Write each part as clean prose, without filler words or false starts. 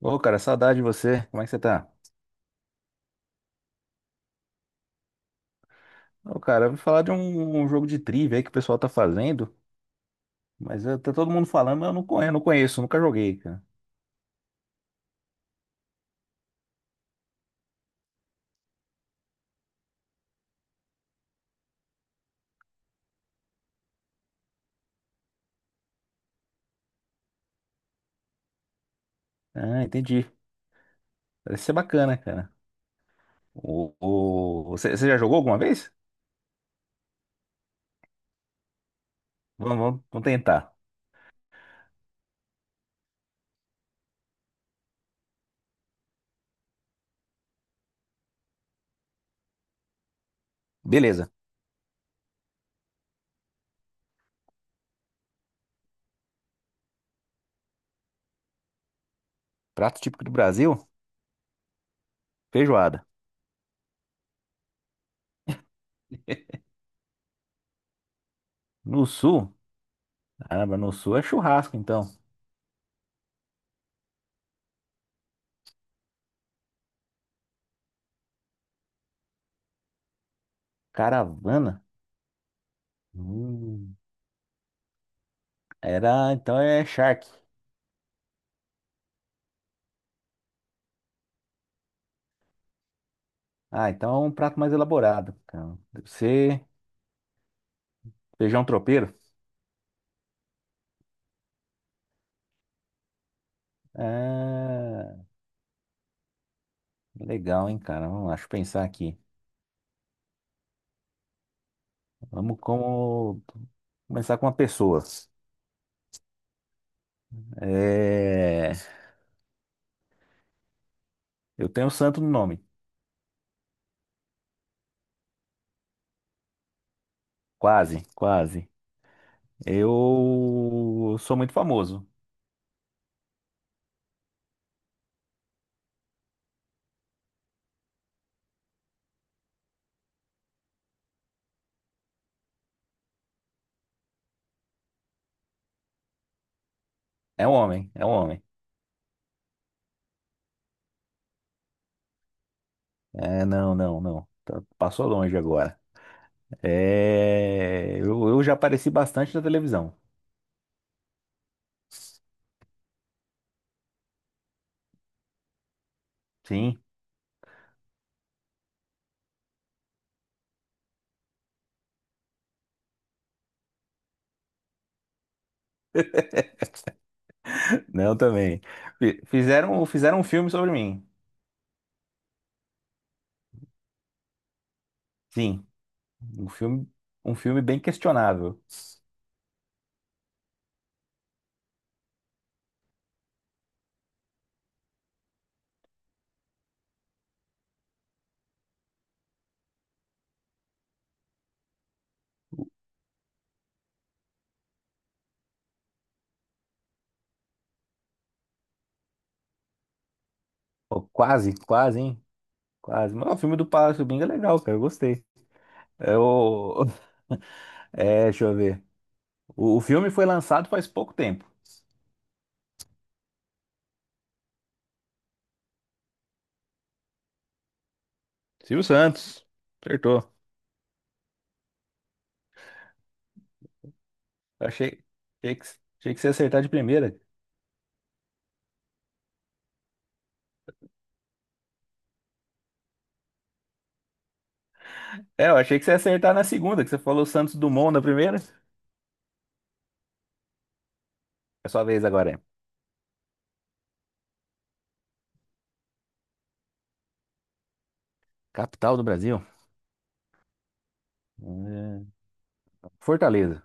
Ô, cara, saudade de você. Como é que você tá? Ô, cara, eu ouvi falar de um jogo de trivia aí que o pessoal tá fazendo, mas tá todo mundo falando, mas eu não conheço, nunca joguei, cara. Ah, entendi. Parece ser bacana, cara. Você já jogou alguma vez? Vamos tentar. Beleza. Prato típico do Brasil, feijoada. No sul, caramba, no sul é churrasco, então. Caravana? Hum, era, então é charque. Ah, então é um prato mais elaborado, cara. Deve ser feijão tropeiro. Ah, legal, hein, cara? Vamos lá, deixa eu pensar aqui. Vamos como... Começar com uma pessoa. É... Eu tenho um santo no nome. Quase, quase. Eu sou muito famoso. É um homem. É, não. Passou longe agora. Eu já apareci bastante na televisão. Sim, não também. Fizeram um filme sobre mim. Sim, um filme, um filme bem questionável. Pô, quase, quase, hein? Quase. Mas o filme do Palácio do Bing é legal, cara. Eu gostei. É o, É, deixa eu ver. O filme foi lançado faz pouco tempo. Silvio Santos. Acertou. Eu achei, achei que, achei que você ia acertar de primeira. É, eu achei que você ia acertar na segunda, que você falou Santos Dumont na primeira. É sua vez agora, é. Capital do Brasil? É, Fortaleza.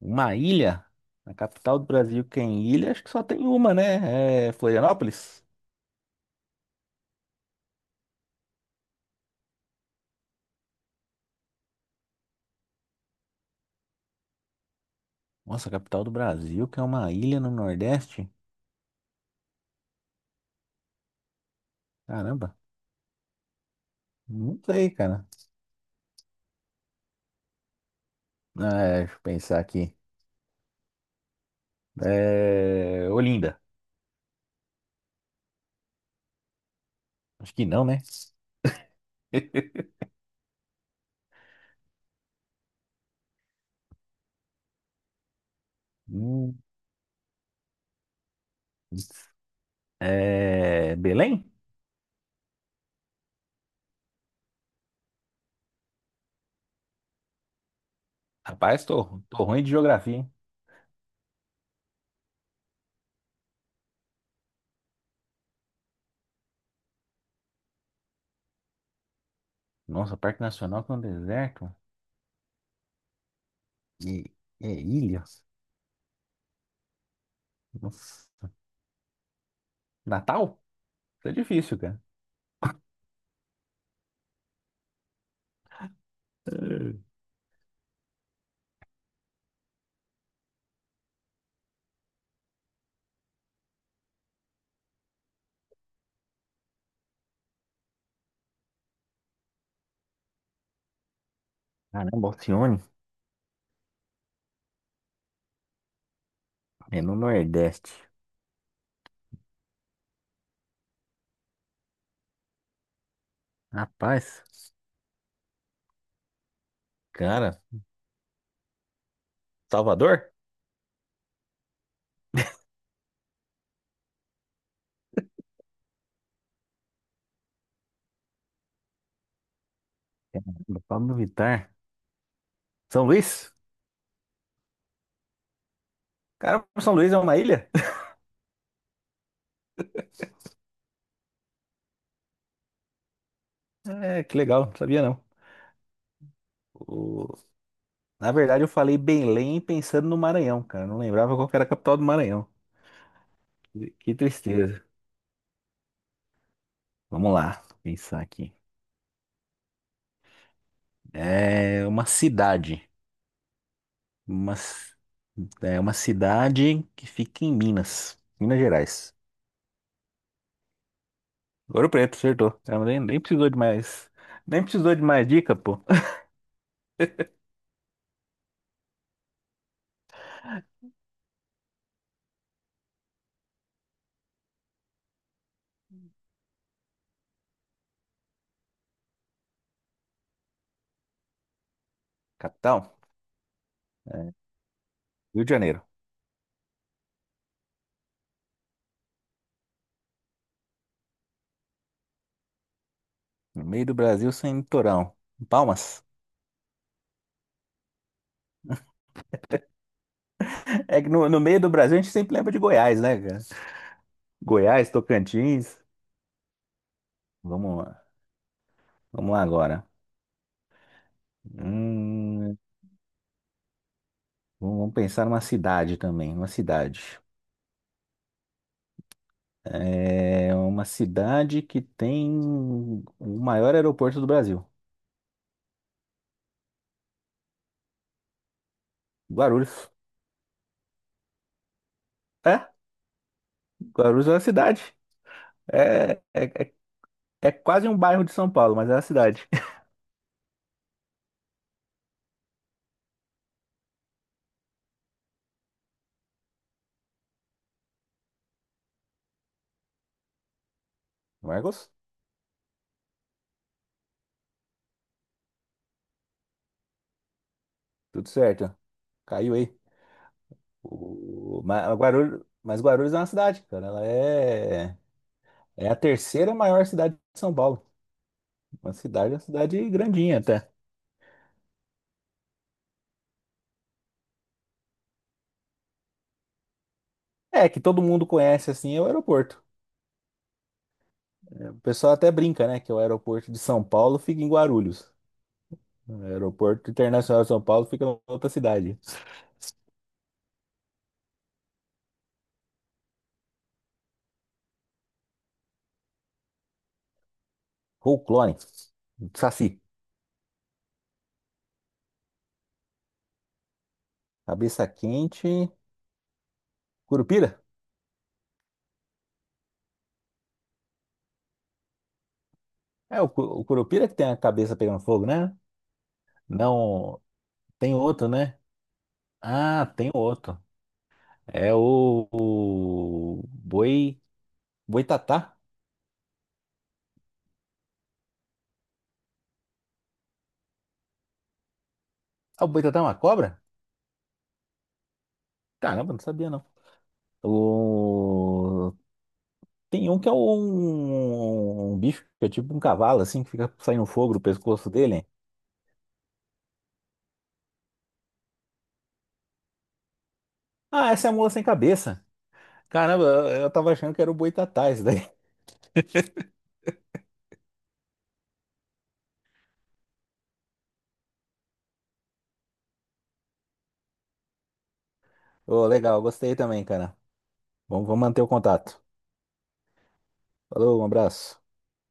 Uma ilha? Na capital do Brasil, que é em ilha, acho que só tem uma, né? É Florianópolis? Nossa, a capital do Brasil, que é uma ilha no Nordeste? Caramba, não sei, cara. Ah, é, deixa eu pensar aqui. Olinda. Acho que não, né? Hum, Belém? Rapaz, tô ruim de geografia, hein? Nossa, Parque Nacional com deserto e, e ilhas. Nossa. Natal? Isso é difícil, cara. Eh, caramba, Alcione. É no Nordeste. Rapaz, cara, Salvador? Caramba, Pablo Vittar. São Luís? Caramba, São Luís é uma ilha? É, que legal, não sabia não. O- Na verdade, eu falei Belém pensando no Maranhão, cara. Eu não lembrava qual que era a capital do Maranhão. Que tristeza. Vamos lá, pensar aqui. É uma cidade. Uma... c- É uma cidade que fica em Minas, Minas Gerais. Ouro Preto, acertou. Cara, nem precisou de mais. Nem precisou de mais dica, pô. Capital, Rio de Janeiro. No meio do Brasil, sem litorão. Palmas. É que no meio do Brasil a gente sempre lembra de Goiás, né, cara? Goiás, Tocantins. Vamos lá. Vamos lá agora. Hum, vamos pensar numa cidade também, uma cidade. É uma cidade que tem o maior aeroporto do Brasil. Guarulhos. É, Guarulhos é uma cidade. É, é, é é quase um bairro de São Paulo, mas é uma cidade. Marcos, tudo certo. Caiu aí. Mas Guarulhos é uma cidade, cara. É a terceira maior cidade de São Paulo. Uma cidade grandinha até. É, que todo mundo conhece assim, é o aeroporto. É, o pessoal até brinca, né, que é o aeroporto de São Paulo fica em Guarulhos. O aeroporto internacional de São Paulo fica em outra cidade. Clone, Saci, cabeça quente, Curupira. O Curupira que tem a cabeça pegando fogo, né? Não, tem outro, né? Ah, tem outro. É o, o boi, boitatá. Ah, o boitatá é uma cobra? Caramba, não sabia não. O tem um que é um bicho que é tipo um cavalo, assim, que fica saindo fogo do pescoço dele. Ah, essa é a mula sem cabeça. Caramba, eu tava achando que era o boitatá isso daí. Ô, legal, gostei também, cara. Vamos manter o contato. Falou, um abraço.